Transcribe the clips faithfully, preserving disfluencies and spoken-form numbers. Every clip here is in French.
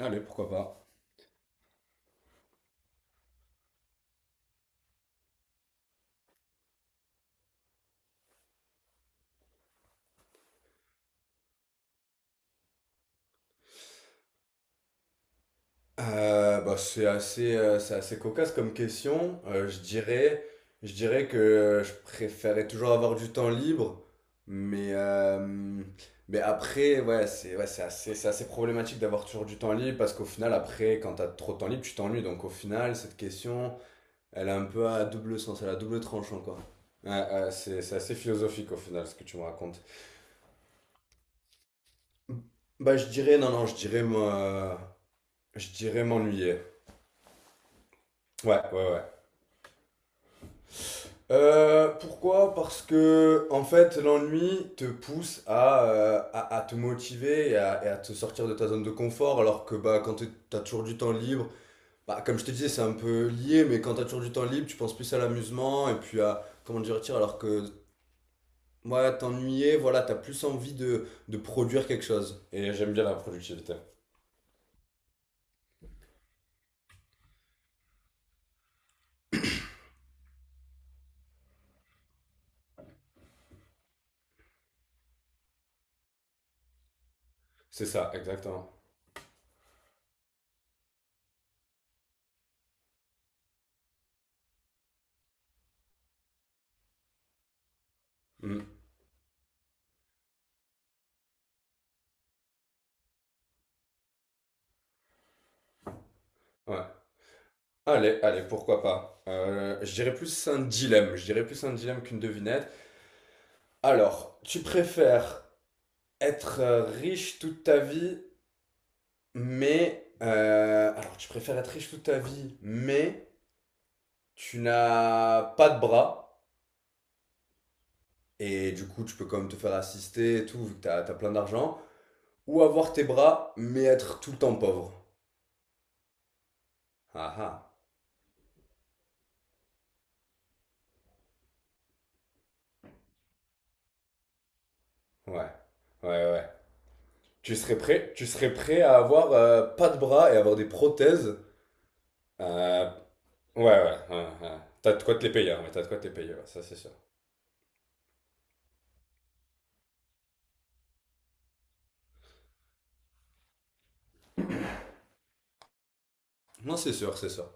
Allez, pourquoi pas. Euh, bah, c'est assez, euh, c'est assez cocasse comme question. Euh, je dirais, je dirais que euh, je préférais toujours avoir du temps libre, mais, euh, mais après, ouais, c'est, ouais, c'est assez, c'est assez problématique d'avoir toujours du temps libre parce qu'au final, après, quand t'as trop de temps libre, tu t'ennuies. Donc au final, cette question, elle a un peu à double sens, elle a double tranchant, quoi. Ouais, ouais, c'est, c'est assez philosophique au final, ce que tu me racontes. Bah, je dirais, non, non, je dirais, moi, je dirais m'ennuyer. Ouais, ouais, ouais. Euh, pourquoi? Parce que en fait, l'ennui te pousse à, euh, à, à te motiver et à, et à te sortir de ta zone de confort, alors que bah, quand t'es- t'as toujours du temps libre, bah, comme je te disais, c'est un peu lié, mais quand t'as toujours du temps libre, tu penses plus à l'amusement et puis à comment dire, tiens, alors que moi, t'ennuyer, voilà, t'as plus envie de, de produire quelque chose. Et j'aime bien la productivité. C'est ça. Exactement. Mm. Ouais. Allez, allez, pourquoi pas. Euh, je dirais plus un dilemme. Je dirais plus un dilemme qu'une devinette. Alors, tu préfères être euh, riche toute ta vie, mais, euh, alors, tu préfères être riche toute ta vie, mais tu n'as pas de bras, et du coup, tu peux quand même te faire assister et tout, vu que t'as, t'as plein d'argent, ou avoir tes bras, mais être tout le temps pauvre. Ah ah, ouais, ouais, ouais. Ouais. Tu serais prêt, tu serais prêt à avoir euh, pas de bras et avoir des prothèses? Euh, ouais, ouais, ouais, ouais. T'as de quoi te les payer, hein, mais t'as de quoi te les payer, ouais, ça c'est sûr. Non, c'est sûr, c'est sûr.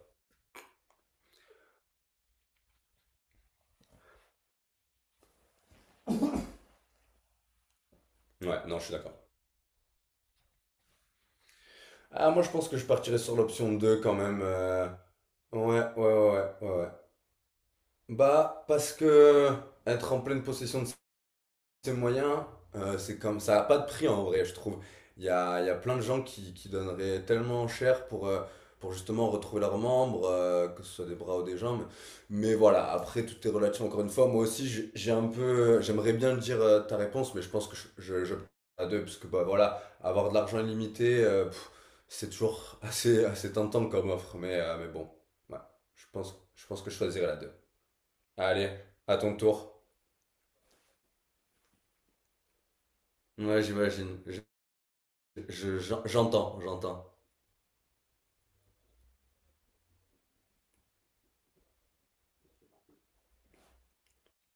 Ouais, non, je suis d'accord. Ah, moi je pense que je partirais sur l'option deux quand même. euh, Ouais, ouais, ouais, ouais, ouais. Bah, parce que être en pleine possession de c'est moyen, euh, c'est comme ça n'a pas de prix en vrai, je trouve. Il y a, il y a plein de gens qui, qui donneraient tellement cher pour, euh, pour justement retrouver leurs membres, euh, que ce soit des bras ou des jambes. Mais voilà, après tout est relatif encore une fois. Moi aussi, j'ai j'ai un peu, j'aimerais bien dire euh, ta réponse, mais je pense que je, je, je à deux, parce que bah voilà, avoir de l'argent illimité, euh, pff, c'est toujours assez, assez tentant comme offre. Mais, euh, mais bon, ouais, je pense, je pense que je choisirais la deux. Allez, à ton tour. Ouais, j'imagine. Je, j'en- j'entends, j'entends.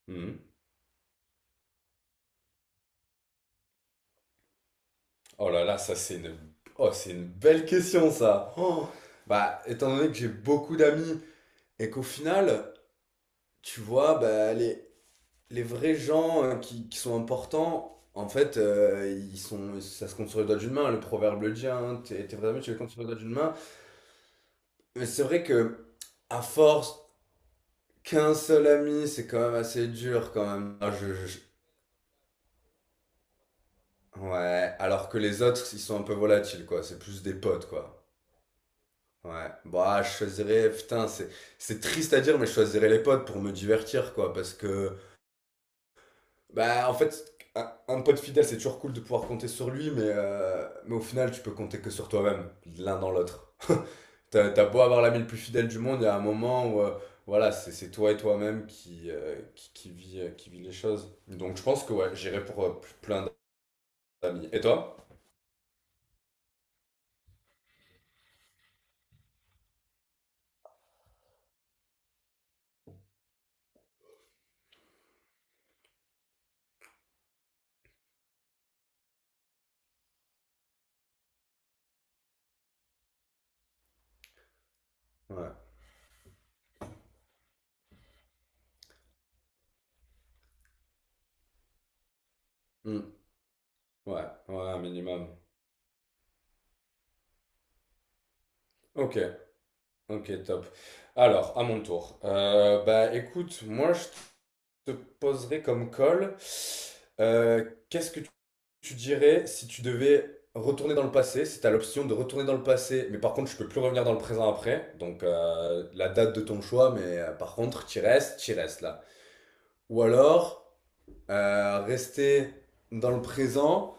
Hmm. Oh là là, ça c'est une... Oh, c'est une belle question ça. Oh. Bah, étant donné que j'ai beaucoup d'amis et qu'au final, tu vois, bah, les, les vrais gens euh, qui, qui sont importants, en fait, euh, ils sont, ça se compte sur les doigts d'une main. Le proverbe le dit, hein, tes, tes vrais amis, tu les comptes sur les doigts d'une main. Mais c'est vrai que, à force, qu'un seul ami, c'est quand même assez dur quand même. Ah, je- je- je- Ouais, alors que les autres, ils sont un peu volatiles, quoi. C'est plus des potes, quoi. Ouais, bah, je choisirais, putain, c'est, c'est triste à dire, mais je choisirais les potes pour me divertir, quoi, parce que, bah, en fait, un, un pote fidèle, c'est toujours cool de pouvoir compter sur lui, mais, euh, mais au final, tu peux compter que sur toi-même, l'un dans l'autre. T'as, t'as beau avoir l'ami le plus fidèle du monde, il y a un moment où, euh, voilà, c'est, c'est toi et toi-même qui, euh, qui, qui vit, euh, qui vit les choses. Donc, je pense que, ouais, j'irais pour euh, plein d'amis. Et toi? Ouais. Hmm. Ouais, ouais, un minimum. Ok. Ok, top. Alors, à mon tour. Euh, bah écoute, moi je te poserai comme call. euh, qu'est-ce que tu tu dirais si tu devais retourner dans le passé, si tu as l'option de retourner dans le passé, mais par contre tu peux plus revenir dans le présent après, donc euh, la date de ton choix, mais euh, par contre tu restes, tu restes là. Ou alors, euh, rester dans le présent,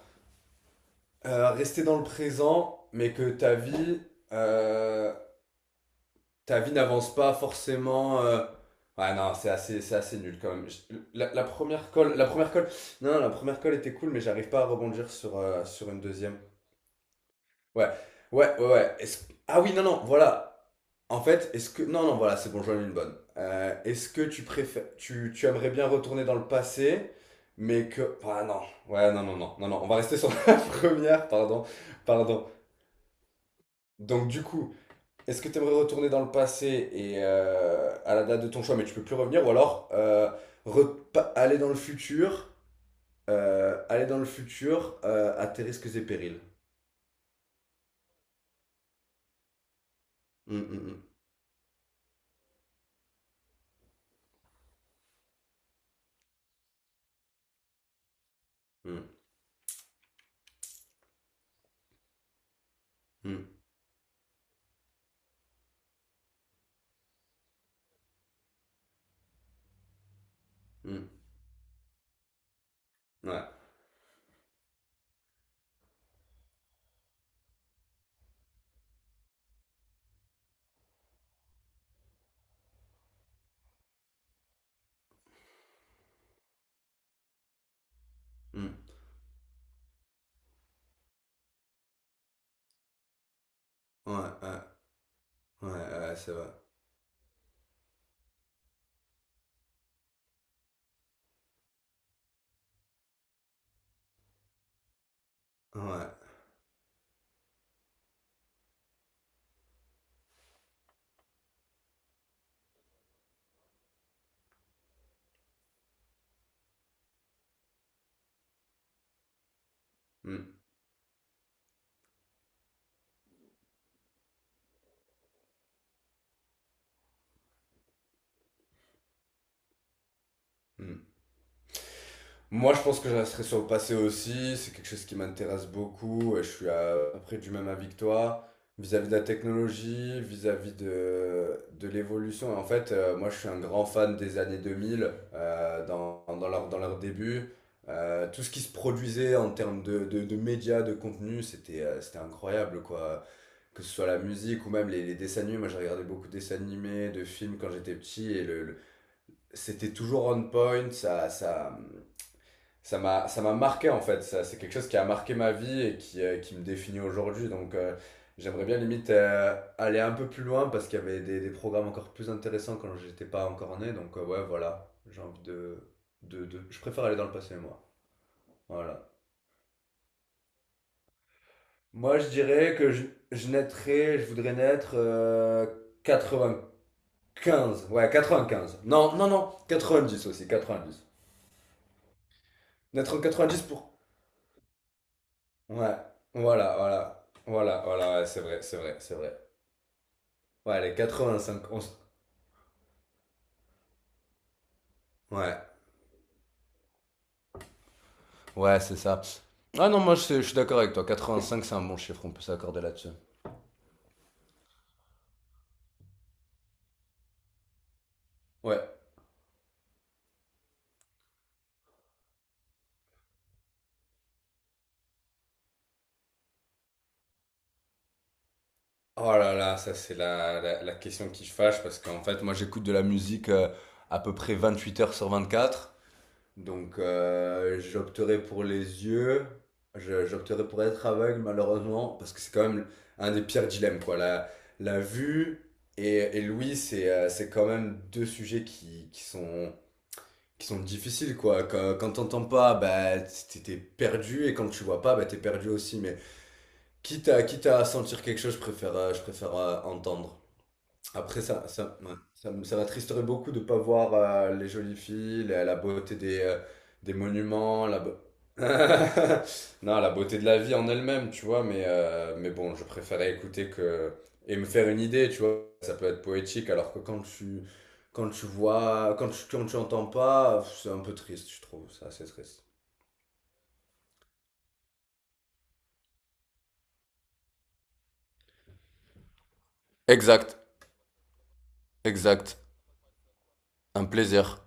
euh, rester dans le présent, mais que ta vie... euh, ta vie n'avance pas forcément. euh, Ouais, non, c'est assez, c'est assez nul quand même. Je- La, la première colle, la première colle, non, la première colle était cool, mais j'arrive pas à rebondir sur, euh, sur une deuxième. Ouais, ouais, ouais, ouais. Est-ce- Ah oui, non, non, voilà. En fait, est-ce que. Non, non, voilà, c'est bon, j'en ai une bonne. Euh, est-ce que tu préfères. Tu, tu aimerais bien retourner dans le passé, mais que. Ah non, ouais, non, non, non, non, non, on va rester sur la première, pardon, pardon. Donc, du coup. Est-ce que tu aimerais retourner dans le passé et euh, à la date de ton choix, mais tu peux plus revenir, ou alors euh, repa- aller dans le futur, euh, aller dans le futur euh, à tes risques et périls? Mm, mm, mm, mm, mm, mm. Ouais. Mm. Ouais, ouais, ouais, ouais, c'est vrai. Ouais. Mm, mm. Moi, je pense que je resterai sur le passé aussi. C'est quelque chose qui m'intéresse beaucoup. Et je suis à, à peu près du même avis que toi. Vis-à-vis de la technologie, vis-à-vis de, de l'évolution. Et en fait, euh, moi, je suis un grand fan des années deux mille, euh, dans, dans leur, dans leur début. Euh, tout ce qui se produisait en termes de, de, de médias, de contenu, c'était euh, c'était incroyable, quoi. Que ce soit la musique ou même les, les dessins animés. Moi, j'ai regardé beaucoup de dessins animés, de films quand j'étais petit. Et le, le- c'était toujours on point. Ça, ça, ça m'a ça m'a marqué, en fait. Ça c'est quelque chose qui a marqué ma vie et qui euh, qui me définit aujourd'hui, donc euh, j'aimerais bien limite euh, aller un peu plus loin parce qu'il y avait des, des programmes encore plus intéressants quand j'étais pas encore né, donc euh, ouais, voilà, j'ai envie de, de de je préfère aller dans le passé, moi. Voilà, moi je dirais que je, je naîtrais je voudrais naître euh, quatre-vingt-quinze, ouais, quatre-vingt-quinze, non, non, non, quatre-vingt-dix, aussi quatre-vingt-dix, naître en quatre-vingt-dix, pour, ouais, voilà, voilà, voilà, voilà, ouais, c'est vrai, c'est vrai, c'est vrai. Ouais, les quatre-vingt-cinq. on s- Ouais. Ouais, c'est ça. Ah non, moi je, suis- je suis d'accord avec toi. Quatre-vingt-cinq c'est un bon chiffre, on peut s'accorder là-dessus. Ouais. Oh là là, ça c'est la, la, la question qui fâche parce qu'en fait, moi j'écoute de la musique euh, à peu près vingt-huit heures sur vingt-quatre. Donc euh, j'opterai pour les yeux. Je- j'opterai pour être aveugle malheureusement parce que c'est quand même un des pires dilemmes, quoi. La, la vue et, et l'ouïe, c'est euh, c'est quand même deux sujets qui, qui sont qui sont difficiles, quoi. Quand, quand t'entends pas, bah, t'es t'es perdu, et quand tu vois pas, bah, t'es perdu aussi. Mais quitte à, quitte à sentir quelque chose, je préfère, euh, je préfère euh, entendre. Après, ça, ça, ouais, ça, me- ça m'attristerait beaucoup de ne pas voir euh, les jolies filles, la, la beauté des, euh, des monuments, la, beau- non, la beauté de la vie en elle-même, tu vois. Mais, euh, mais bon, je préférais écouter que, et me faire une idée, tu vois. Ça peut être poétique, alors que quand tu, quand tu vois, quand tu, quand tu entends pas, c'est un peu triste, je trouve. C'est assez triste. Exact, exact. Un plaisir.